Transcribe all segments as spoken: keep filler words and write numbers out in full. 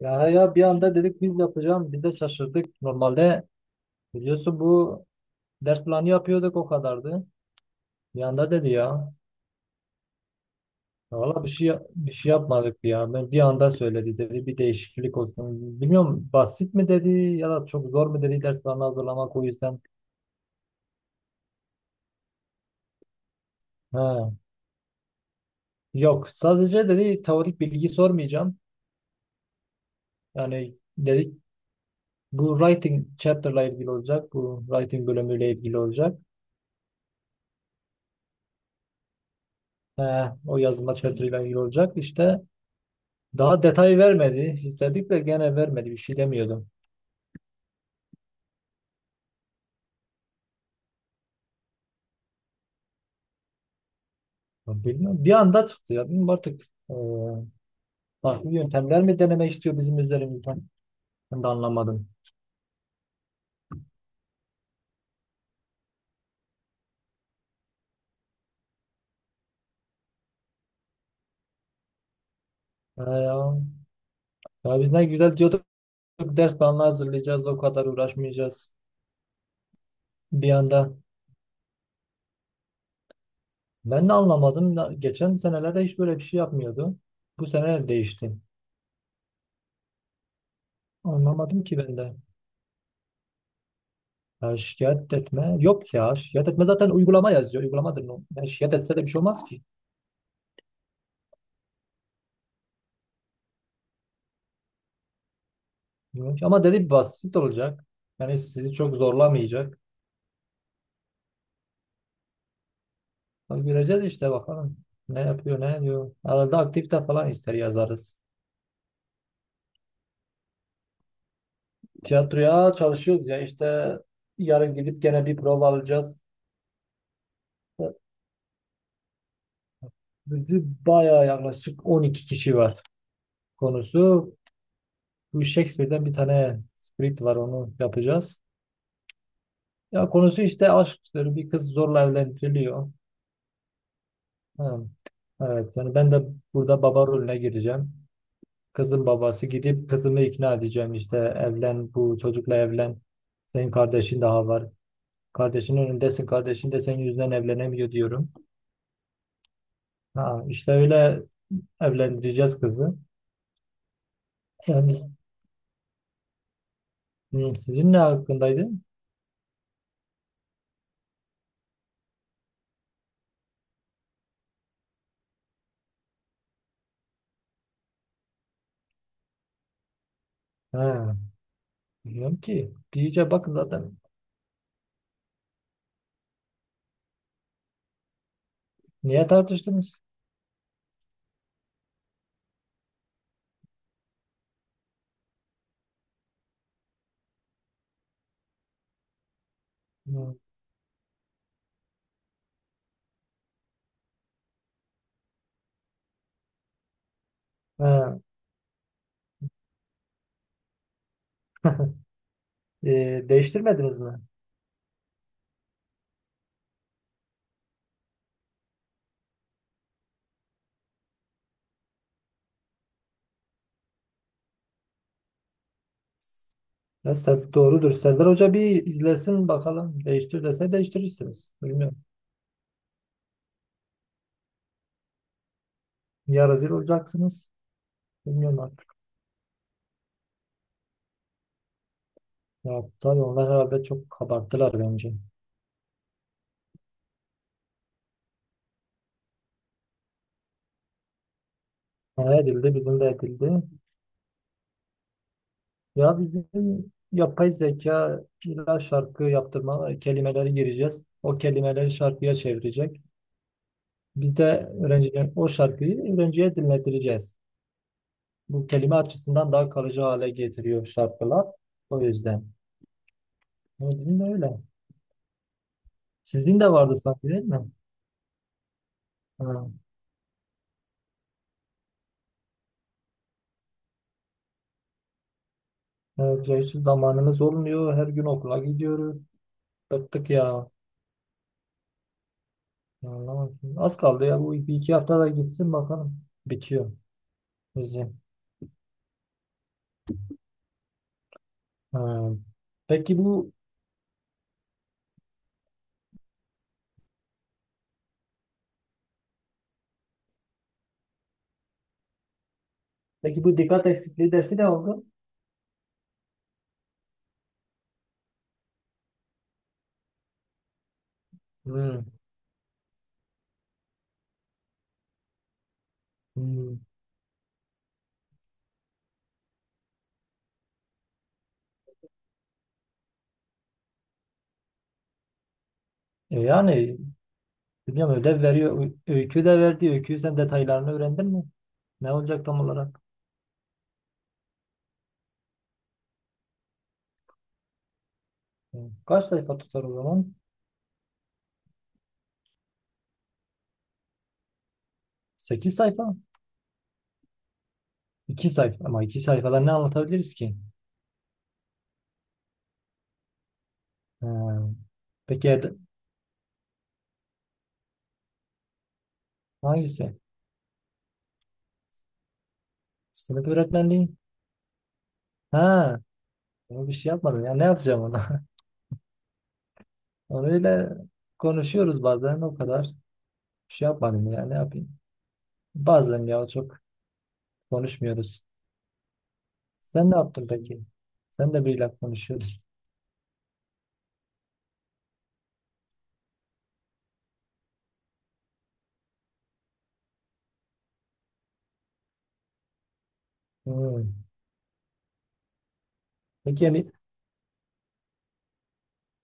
Ya ya bir anda dedik biz yapacağım. Biz de şaşırdık. Normalde biliyorsun bu ders planı yapıyorduk o kadardı. Bir anda dedi ya. Valla bir şey bir şey yapmadık ya. Ben bir anda söyledi dedi. Bir değişiklik olsun. Bilmiyorum basit mi dedi ya da çok zor mu dedi ders planı hazırlamak o yüzden. Ha. Yok sadece dedi teorik bilgi sormayacağım. Yani dedik bu writing chapter'la ilgili olacak. Bu writing bölümüyle ilgili olacak. Ha, o yazma chapter'la ilgili olacak. İşte daha detay vermedi. İstedik de gene vermedi. Bir şey demiyordum. Ya bilmiyorum. Bir anda çıktı ya. Bilmiyorum artık e, farklı yöntemler mi deneme istiyor bizim üzerimizden? Ben de anlamadım. Ya, ya. Ya biz ne güzel diyorduk. Ders planı hazırlayacağız. O kadar uğraşmayacağız. Bir anda. Ben de anlamadım. Na- Geçen senelerde hiç böyle bir şey yapmıyordu. Bu sene değişti. Anlamadım ki ben de. Ya şikayet etme. Yok ya. Şikayet etme zaten uygulama yazıyor. Uygulamadır. O. Yani şikayet etse de bir şey olmaz ki. Evet, ama dedi basit olacak. Yani sizi çok zorlamayacak. Bak göreceğiz işte bakalım. Ne yapıyor ne diyor. Arada aktivite falan ister yazarız. Tiyatroya çalışıyoruz ya işte yarın gidip gene bir prova alacağız. Bizi bayağı yaklaşık on iki kişi var. Konusu bu Shakespeare'den bir tane script var onu yapacağız. Ya konusu işte aşktır. Bir kız zorla evlendiriliyor. Ha, evet yani ben de burada baba rolüne gireceğim. Kızın babası gidip kızımı ikna edeceğim işte evlen bu çocukla evlen. Senin kardeşin daha var. Kardeşinin önündesin. Kardeşin de senin yüzünden evlenemiyor diyorum. Ha, işte öyle evlendireceğiz kızı. Yani hı, sizin ne hakkındaydı? Ha, bilmiyorum ki. Bir iyice bakın zaten. Niye tartıştınız? Hı. Ha. E, değiştirmediniz mi? Ya Ser- doğrudur. Serdar Hoca bir izlesin bakalım. Değiştir dese değiştirirsiniz. Bilmiyorum. Ya rezil olacaksınız. Bilmiyorum artık. Ya tabii onlar herhalde çok kabarttılar bence. Ne edildi, bizim de edildi. Ya bizim yapay zeka illa şarkı yaptırma kelimeleri gireceğiz. O kelimeleri şarkıya çevirecek. Biz de öğrenciler o şarkıyı öğrenciye dinletireceğiz. Bu kelime açısından daha kalıcı hale getiriyor şarkılar. O yüzden. O yüzden de öyle. Sizin de vardı sanki değil mi? Ha. Evet, ya hiç zamanımız olmuyor. Her gün okula gidiyoruz. Bıktık ya. Anlamadım. Az kaldı ya. Bu bir iki hafta da gitsin bakalım. Bitiyor bizim. Ha. Peki bu Peki bu dikkat eksikliği dersi ne oldu? Hmm, hmm. E yani bilmiyorum ödev veriyor. Ö- Öykü de verdi. Öykü sen detaylarını öğrendin mi? Ne olacak tam olarak? Hmm. Kaç sayfa tutar o zaman? Sekiz sayfa. iki sayfa. Ama iki sayfada ne anlatabiliriz ki? Ha. Peki ed- hangisi? Sınıf öğretmenliği? Ha. Onu bir şey yapmadım. Ya ne yapacağım onu? Öyle konuşuyoruz bazen o kadar. Bir şey yapmadım ya ne yapayım. Bazen ya çok konuşmuyoruz. Sen ne yaptın peki? Sen de biriyle konuşuyordun. Hmm. Peki Emi-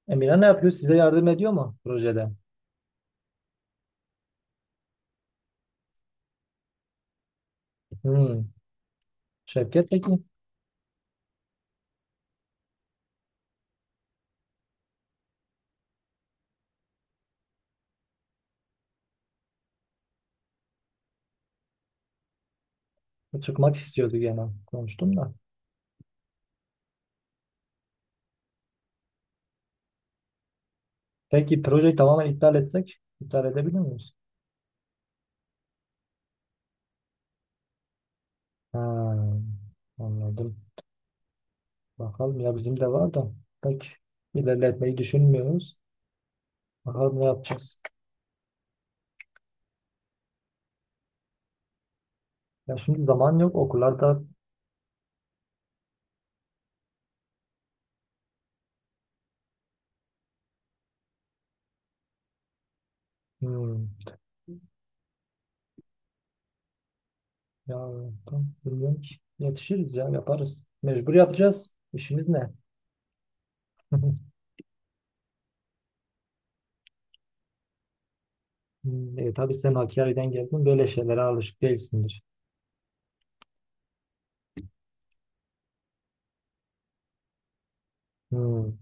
Emine ne yapıyor? Size yardım ediyor mu projede? Hmm. Şevket peki? O çıkmak istiyordu gene. Konuştum da. Peki projeyi tamamen iptal etsek? İptal edebilir miyiz? Ha, anladım. Bakalım ya bizim de var da. Peki ilerletmeyi düşünmüyoruz. Bakalım ne yapacağız? Ya şimdi zaman yok. Okullarda. Hmm. Ya tam bilmiyorum ki. Yetişiriz ya yaparız. Mecbur yapacağız. İşimiz ne? Hmm. E, tabii sen Hakkari'den geldin. Böyle şeylere alışık değilsindir. Hmm.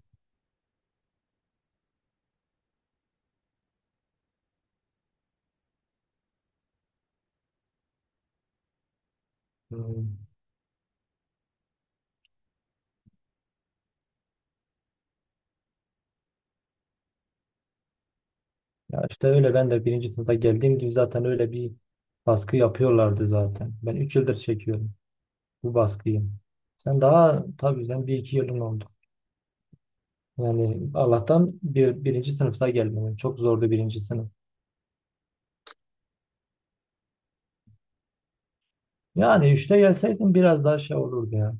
Hmm. Ya işte öyle ben de birinci sınıfta geldiğim gibi zaten öyle bir baskı yapıyorlardı zaten. Ben üç yıldır çekiyorum bu baskıyı. Sen daha tabii sen bir iki yılın oldu. Yani Allah'tan bir, birinci sınıfta gelmedin. Çok zordu birinci sınıf. Yani işte gelseydin biraz daha şey olurdu ya.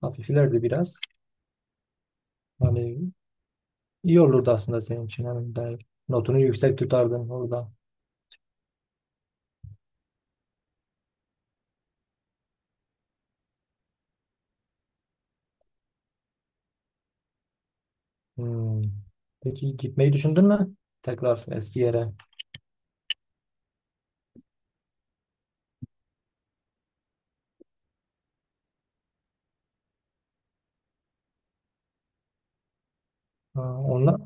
Hafiflerdi biraz. Hani İyi olurdu aslında senin için. Hani de notunu yüksek tutardın orada. Hmm. Peki gitmeyi düşündün mü? Tekrar eski yere. Ha, onlar,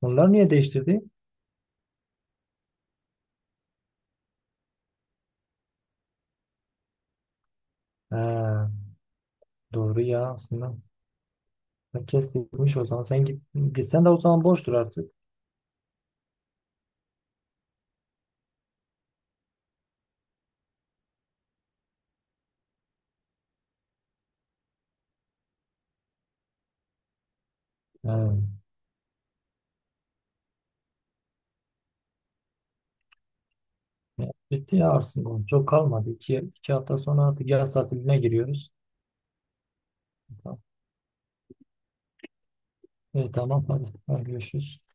onlar niye değiştirdi? Ha, doğru ya aslında. Herkes gitmiş o zaman. Sen git, gitsen de o zaman boştur artık. Ha. Ya, bitti ya aslında. Çok kalmadı. İki, iki hafta sonra artık yaz tatiline giriyoruz. Evet, tamam hadi. Hadi görüşürüz.